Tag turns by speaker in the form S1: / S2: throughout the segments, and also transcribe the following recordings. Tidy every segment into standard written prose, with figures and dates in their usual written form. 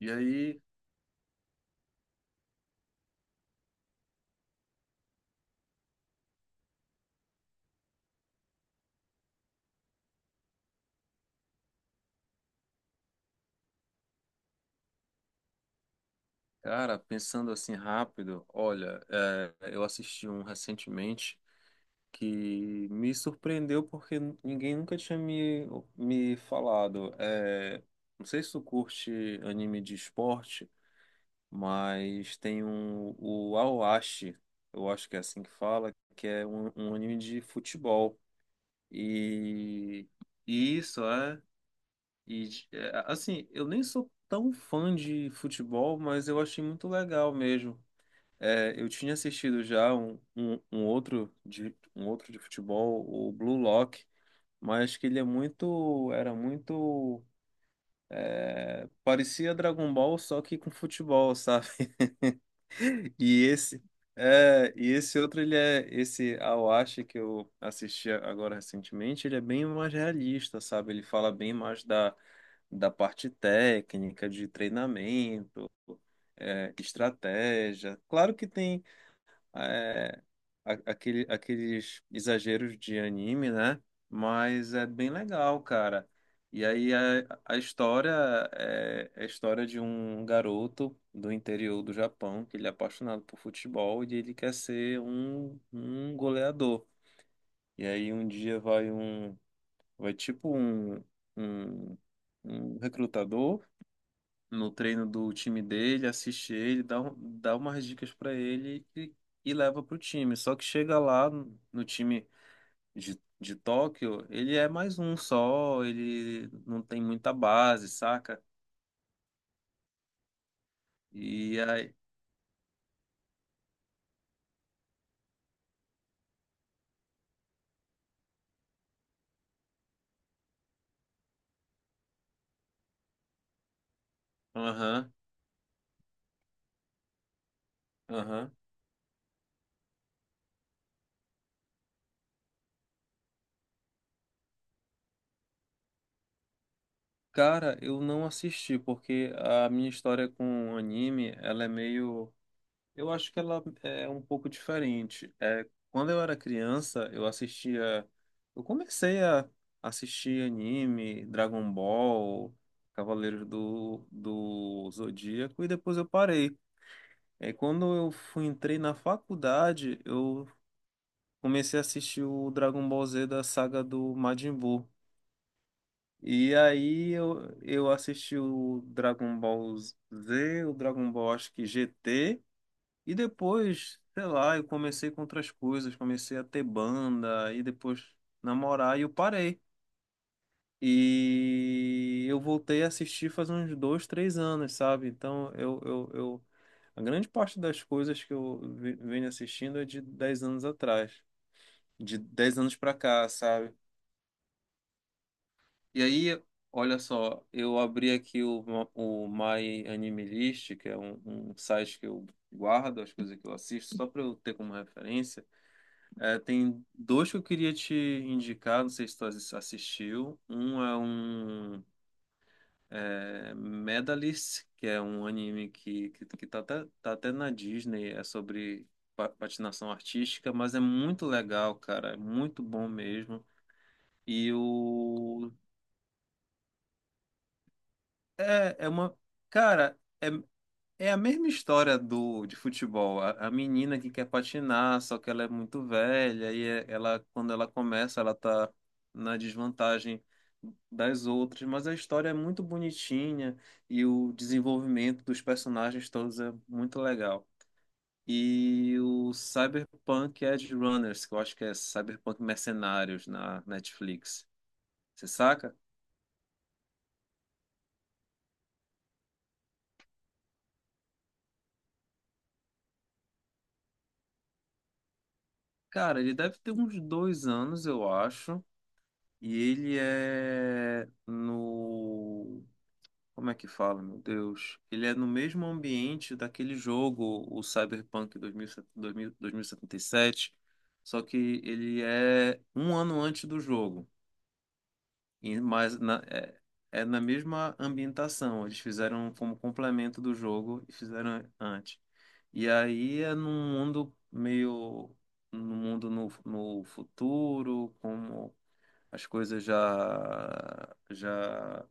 S1: E aí, cara, pensando assim rápido, olha, eu assisti um recentemente que me surpreendeu porque ninguém nunca tinha me falado. Não sei se tu curte anime de esporte, mas tem um, o Aoashi, eu acho que é assim que fala, que é um anime de futebol. E, e isso, é. E, assim, eu nem sou tão fã de futebol, mas eu achei muito legal mesmo. Eu tinha assistido já um outro de futebol, o Blue Lock, mas que era muito, parecia Dragon Ball só que com futebol, sabe? E esse, e esse outro, ele é esse Awashi que eu assisti agora recentemente, ele é bem mais realista, sabe? Ele fala bem mais da parte técnica, de treinamento, estratégia. Claro que tem é, aqueles exageros de anime, né? Mas é bem legal, cara. E aí a história é a história de um garoto do interior do Japão que ele é apaixonado por futebol e ele quer ser um goleador. E aí um dia vai tipo um, um recrutador no treino do time dele, assiste ele, dá umas dicas pra ele e leva pro time. Só que chega lá no time de Tóquio, ele é mais um só, ele não tem muita base, saca? E aí. Aham, aham. Cara, eu não assisti porque a minha história com anime, ela é meio. Eu acho que ela é um pouco diferente. Quando eu era criança, eu assistia. Eu comecei a assistir anime, Dragon Ball, Cavaleiros do Zodíaco, e depois eu parei. Quando entrei na faculdade, eu comecei a assistir o Dragon Ball Z da saga do Majin Buu. E aí eu assisti o Dragon Ball Z, o Dragon Ball acho que GT. E depois, sei lá, eu comecei com outras coisas, comecei a ter banda, e depois namorar, e eu parei. E eu voltei a assistir faz uns 2, 3 anos, sabe? Então, a grande parte das coisas que eu venho assistindo é de 10 anos atrás, de 10 anos pra cá, sabe? E aí, olha só, eu abri aqui o My Anime List, que é um site que eu guardo as coisas que eu assisto, só pra eu ter como referência. É, tem dois que eu queria te indicar, não sei se tu assistiu. Um é Medalist, que é um anime que tá até na Disney, é sobre patinação artística, mas é muito legal, cara, é muito bom mesmo. E o. É uma. Cara, é a mesma história do de futebol. A menina que quer patinar, só que ela é muito velha e ela, quando ela começa, ela tá na desvantagem das outras, mas a história é muito bonitinha e o desenvolvimento dos personagens todos é muito legal. E o Cyberpunk Edge Runners, que eu acho que é Cyberpunk Mercenários na Netflix. Você saca? Cara, ele deve ter uns 2 anos, eu acho. E ele é no. Como é que fala, meu Deus? Ele é no mesmo ambiente daquele jogo, o Cyberpunk 2077, só que ele é um ano antes do jogo, e- mas na- é, é na mesma ambientação. Eles fizeram como complemento do jogo e fizeram antes. E aí é num mundo meio. No mundo no futuro, como as coisas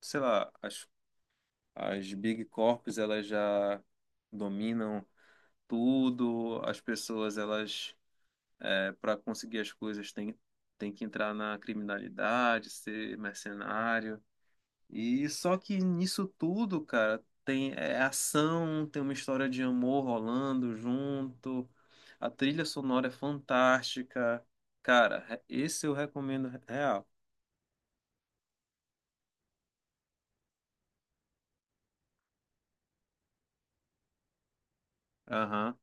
S1: sei lá, as big corps, elas já dominam tudo, as pessoas, elas, para conseguir as coisas, têm tem que entrar na criminalidade, ser mercenário. E só que nisso tudo, cara, tem é ação, tem uma história de amor rolando junto. A trilha sonora é fantástica. Cara, esse eu recomendo real. Aham.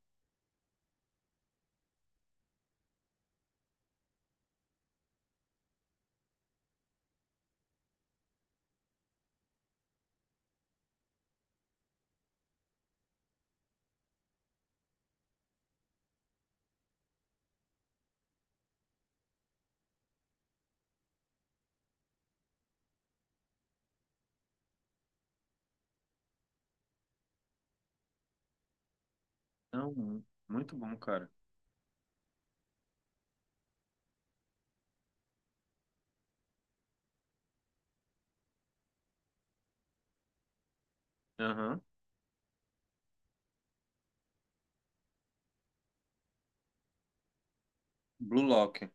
S1: Não, muito bom, cara. Aham. Blue Lock.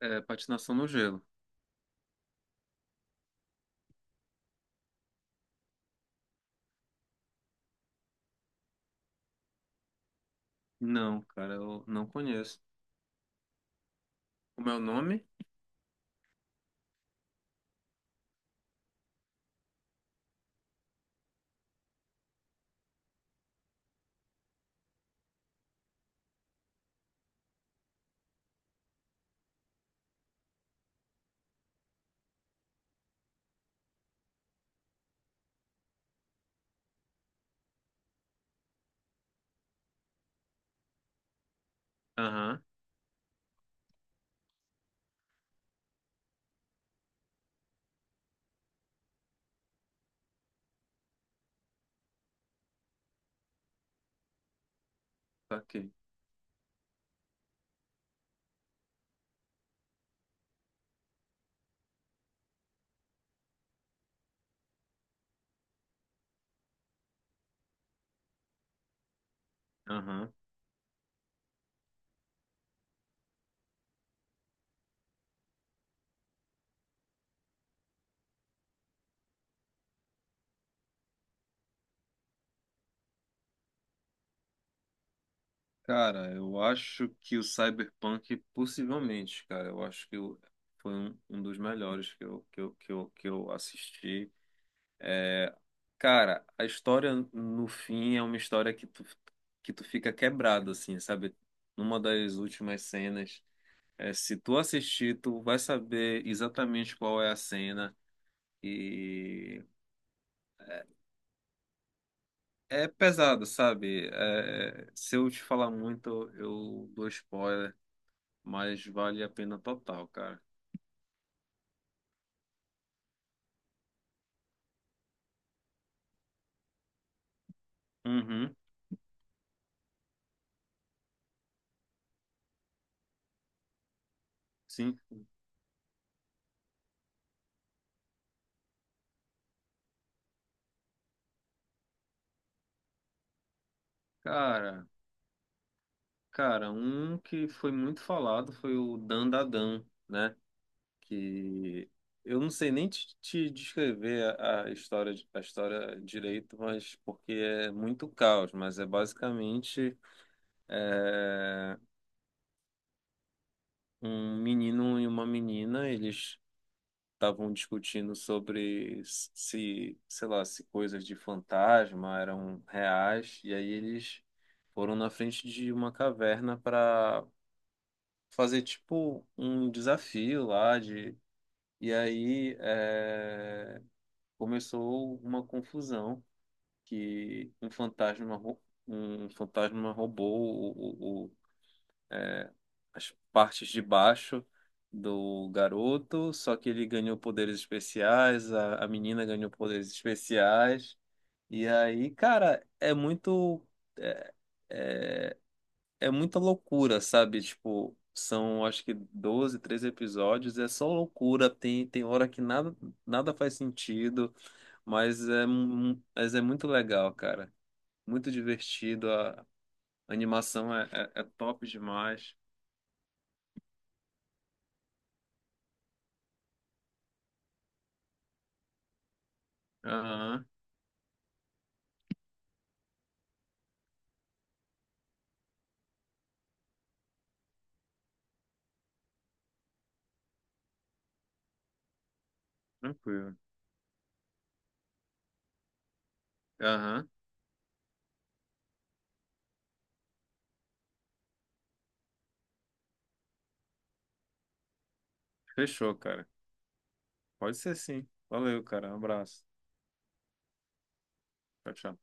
S1: É, patinação no gelo. Não, cara, eu não conheço. Como é o nome? Aham, saquei. Aham. Cara, eu acho que o Cyberpunk, possivelmente, cara, eu acho que foi um dos melhores que eu assisti. É, cara, a história no fim é uma história que tu fica quebrado, assim, sabe? Numa das últimas cenas. É, se tu assistir, tu vai saber exatamente qual é a cena e é pesado, sabe? É, se eu te falar muito, eu dou spoiler, mas vale a pena total, cara. Uhum, sim. Cara, Um que foi muito falado foi o Dandadan, né? Que eu não sei nem te descrever a história, direito, mas porque é muito caos, mas é basicamente é, um menino e uma menina, eles estavam discutindo sobre se, sei lá, se coisas de fantasma eram reais, e aí eles foram na frente de uma caverna para fazer tipo um desafio lá de. E aí começou uma confusão que um fantasma roubou o, as partes de baixo do garoto, só que ele ganhou poderes especiais, a menina ganhou poderes especiais. E aí, cara, é muito. É, é, É muita loucura, sabe? Tipo, são acho que 12, 13 episódios, é só loucura. Tem hora que nada, nada faz sentido, mas é muito legal, cara. Muito divertido, a animação é top demais. Aham, tranquilo. Aham. Fechou, cara. Pode ser sim. Valeu, cara. Um abraço. Tchau, tchau.